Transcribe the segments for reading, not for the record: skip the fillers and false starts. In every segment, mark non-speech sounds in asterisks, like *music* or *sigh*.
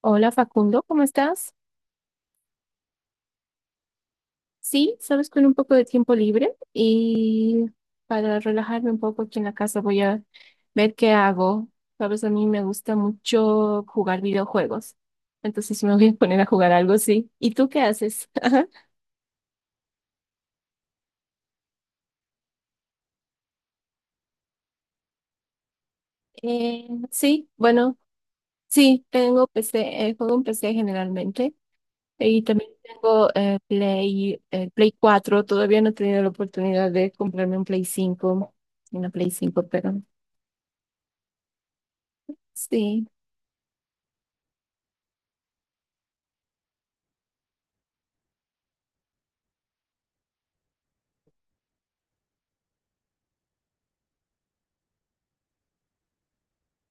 Hola Facundo, ¿cómo estás? Sí, sabes, con un poco de tiempo libre y para relajarme un poco aquí en la casa voy a ver qué hago. Sabes, a mí me gusta mucho jugar videojuegos, entonces me voy a poner a jugar algo, sí. ¿Y tú qué haces? *laughs* Sí, bueno, sí, tengo PC, juego en PC generalmente y también tengo Play, Play cuatro. Todavía no he tenido la oportunidad de comprarme un Play cinco, una Play cinco, pero... Sí.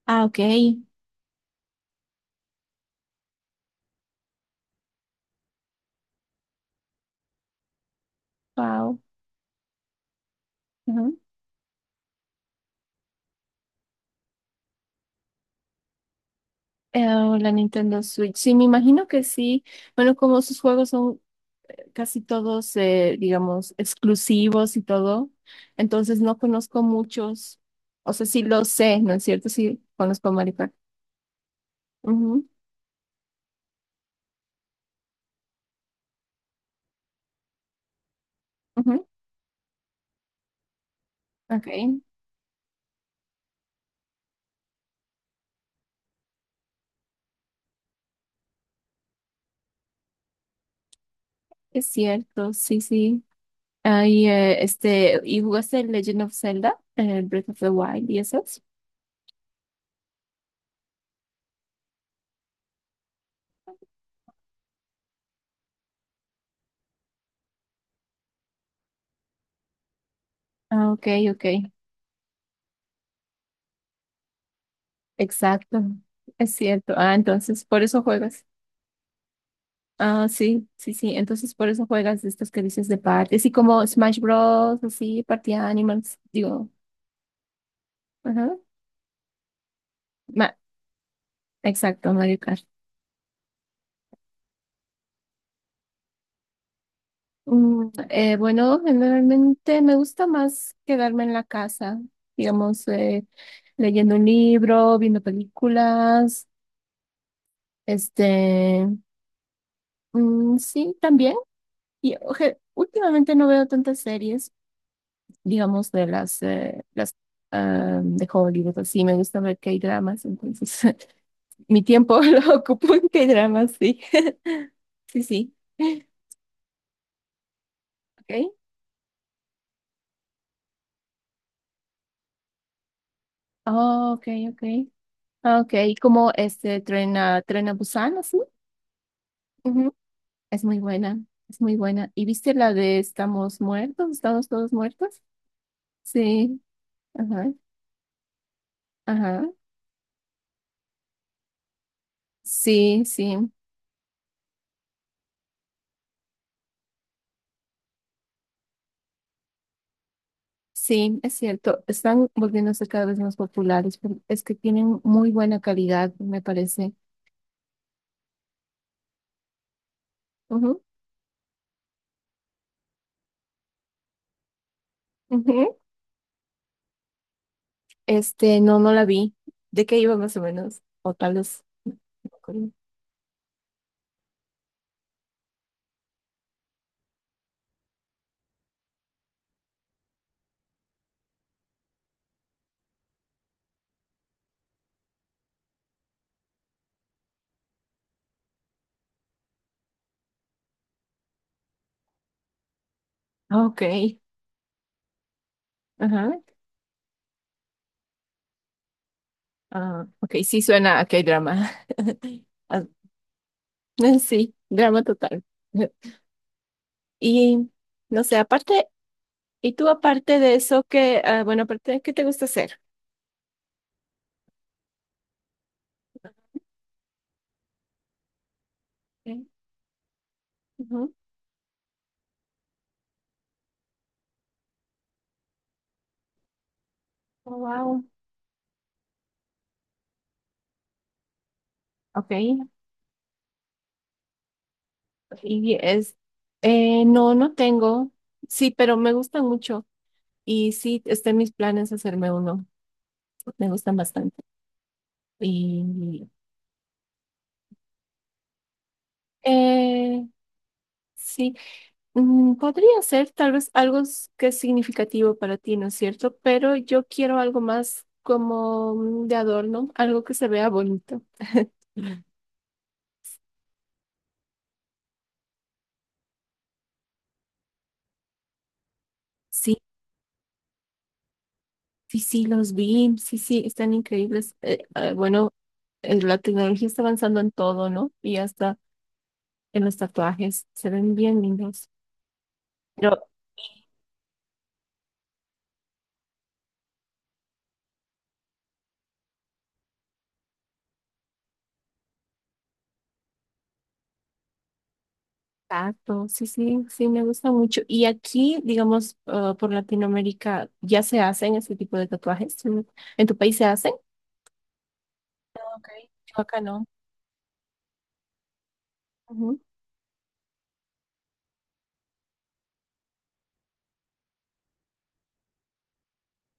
Ah, ok. Wow. Ujú. O la Nintendo Switch. Sí, me imagino que sí. Bueno, como sus juegos son casi todos, digamos, exclusivos y todo, entonces no conozco muchos. O sea, sí lo sé, ¿no es cierto? Sí, conozco Mario Kart. Ujú, ujú. Ok, es cierto, sí, sí. Ahí, ¿y jugaste Legend of Zelda, Breath of the Wild y esos? Ah, ok, ok. Exacto, es cierto. Ah, entonces, por eso juegas. Ah, sí, sí, sí. Entonces por eso juegas de estos que dices de partes y como Smash Bros, así, Party Animals, digo. Ajá. Ma- Exacto, Mario Kart. Bueno, generalmente me gusta más quedarme en la casa, digamos, leyendo un libro, viendo películas, este, sí, también. Y oje, últimamente no veo tantas series, digamos, de las ah, de Hollywood, así, me gusta ver K-dramas, entonces *laughs* mi tiempo *laughs* lo ocupo en K-dramas, sí. *laughs* Sí, sí. Okay. Oh, okay, okay. Ah, okay, como este Tren a Busan, así. Ujú. Es muy buena, es muy buena. ¿Y viste la de Estamos muertos, estamos todos muertos? Sí, ajá, ajá. Sí, sí, sí, es cierto. Están volviéndose cada vez más populares, pero es que tienen muy buena calidad, me parece. Ujú, ujú. No, no la vi. ¿De qué iba más o menos? O tal vez. No me acuerdo. Ah, ok. Ajá. Ah, ok, sí suena a que drama. *laughs* Ah, sí, drama total. *laughs* Y no sé, aparte, y tú aparte de eso, que, bueno, aparte, ¿de qué te gusta hacer? Ok. Ujú. Oh, wow. Ok. Y es, no, no tengo. Sí, pero me gustan mucho. Y sí, está en mis planes hacerme uno. Me gustan bastante. Y Eh, sí, mm, podría ser tal vez que es significativo para ti, ¿no es cierto? Pero yo quiero algo más como mm, de adorno, algo que se vea bonito. *laughs* Sí, sí, sí, los vi, sí, sí, están increíbles. Bueno, la tecnología está avanzando en todo, ¿no? Y hasta en los tatuajes, se ven bien lindos. Exacto, sí, sí, sí, me gusta mucho. Y aquí, digamos, ah, por Latinoamérica, ya se hacen ese tipo de tatuajes. ¿En tu país se hacen? Ok, yo acá no.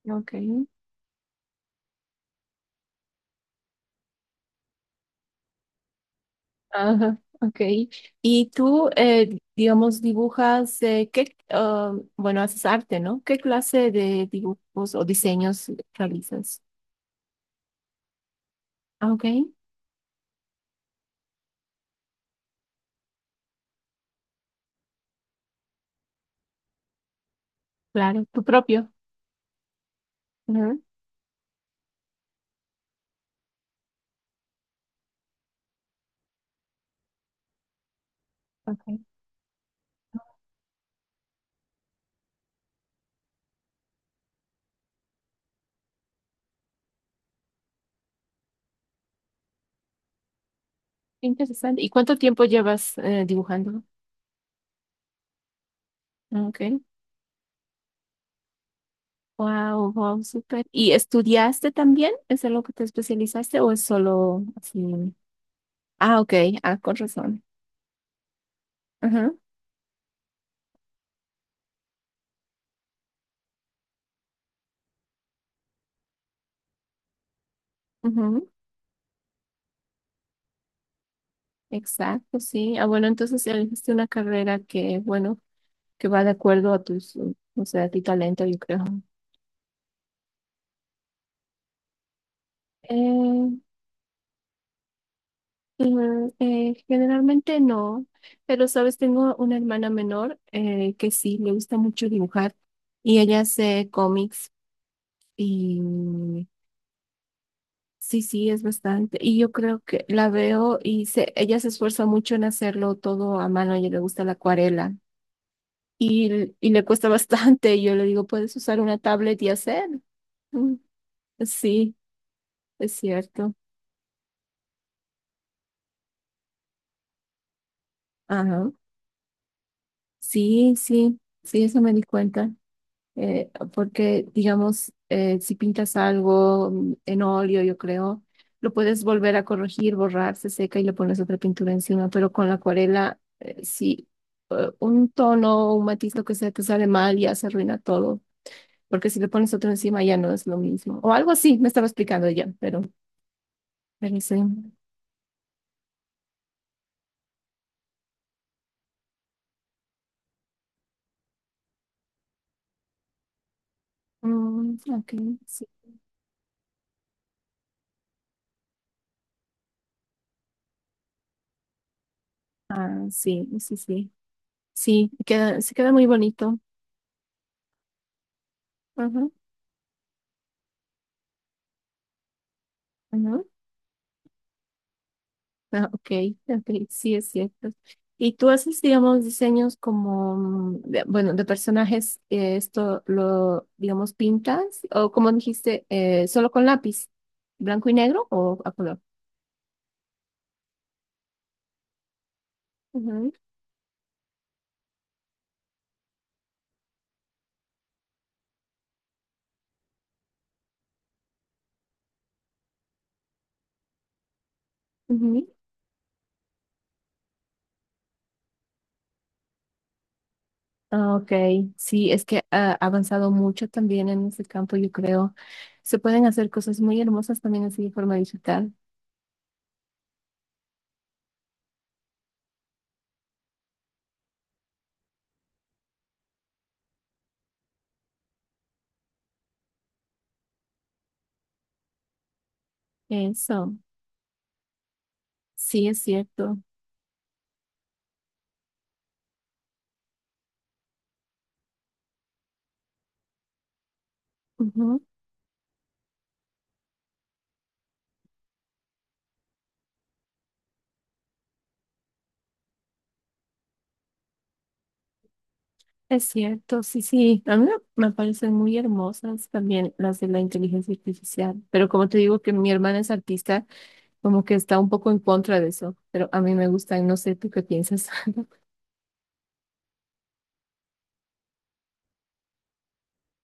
Ujú, ok, ajá, ok. Y tú, digamos, dibujas, bueno, haces arte, ¿no? ¿Qué clase de dibujos o diseños realizas? Ah, ok, claro, tu propio. Ujú, ok, interesante. ¿Y cuánto tiempo llevas dibujando? Ah, ok. Wow, wow, súper. ¿Y estudiaste también? ¿Es en lo que te especializaste o es solo así? Ah, ok, ah, con razón. Ajá, ajá, exacto, sí. Ah, bueno, entonces elegiste una carrera que, bueno, que va de acuerdo a tus, o sea, a tu talento, yo creo. Eh, generalmente no, pero sabes, tengo una hermana menor que sí, le gusta mucho dibujar y ella hace cómics y sí, sí, es bastante. Y yo creo que la veo y ella se esfuerza mucho en hacerlo todo a mano. A ella le gusta la acuarela y le cuesta *laughs* bastante. Y yo le digo, ¿puedes usar una tablet y hacer? Mm, sí, es cierto. Ajá. Sí, sí, sí, eso me di cuenta. Porque, digamos, si pintas algo mm, en óleo, yo creo, lo puedes volver a corregir, borrar, se seca y le pones otra pintura encima, pero con la acuarela, si un tono o un matiz, lo que sea, te sale mal, ya se arruina todo, porque si le pones otro encima ya no es lo mismo. O algo así, me estaba explicando ya, pero sí. Mm, ok, sí. Ah, sí, sí, sí. Sí, se queda muy bonito. Ajá, ajá. Ah, ok, ok, sí es cierto. Y tú haces, digamos, diseños como, bueno, de personajes, esto lo, digamos, pintas, o como dijiste, solo con lápiz, blanco y negro o a color. Ujú, ujú. Ah, ok, sí, es que ha avanzado mucho también en ese campo, yo creo. Se pueden hacer cosas muy hermosas también así de forma digital. Eso, sí es cierto. Es cierto, sí, sí. A mí me Me parecen muy hermosas también las de la inteligencia artificial, pero como te digo que mi hermana es artista, como que está un poco en contra de eso, pero a mí me gustan, no sé, ¿tú qué piensas? *laughs*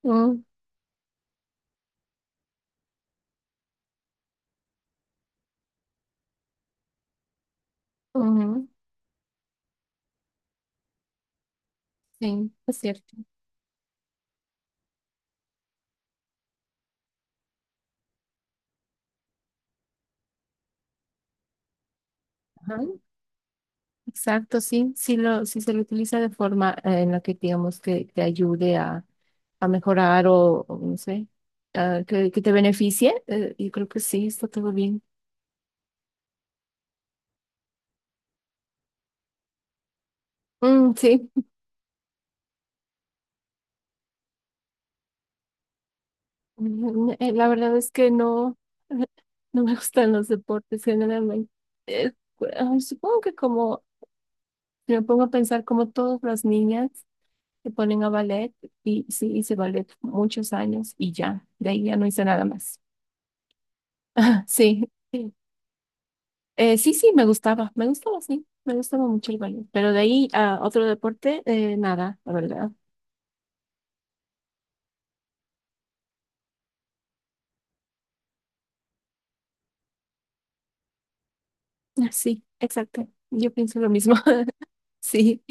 Mm, ujú, sí, es cierto. Ajá, exacto, sí, si se lo utiliza de forma en la que digamos que te ayude a mejorar o no sé, que te beneficie, yo creo que sí, está todo bien. Mm, sí. La verdad es que no, *laughs* no me gustan los deportes generalmente. Supongo que como, si me pongo a pensar como todas las niñas se ponen a ballet y sí hice ballet muchos años y ya, de ahí ya no hice nada más. *laughs* Sí, sí, sí, sí, me gustaba, sí, me gustaba mucho el ballet, pero de ahí a otro deporte, nada, la verdad. *laughs* Ah, sí, exacto, yo pienso lo mismo. *laughs* Sí.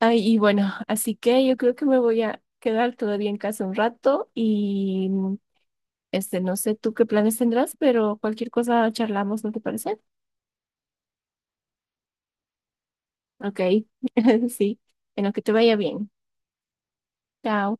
Ay, y bueno, así que yo creo que me voy a quedar todavía en casa un rato y no sé tú qué planes tendrás, pero cualquier cosa charlamos, ¿no te parece? Ok, *laughs* sí, en lo que te vaya bien. Chao.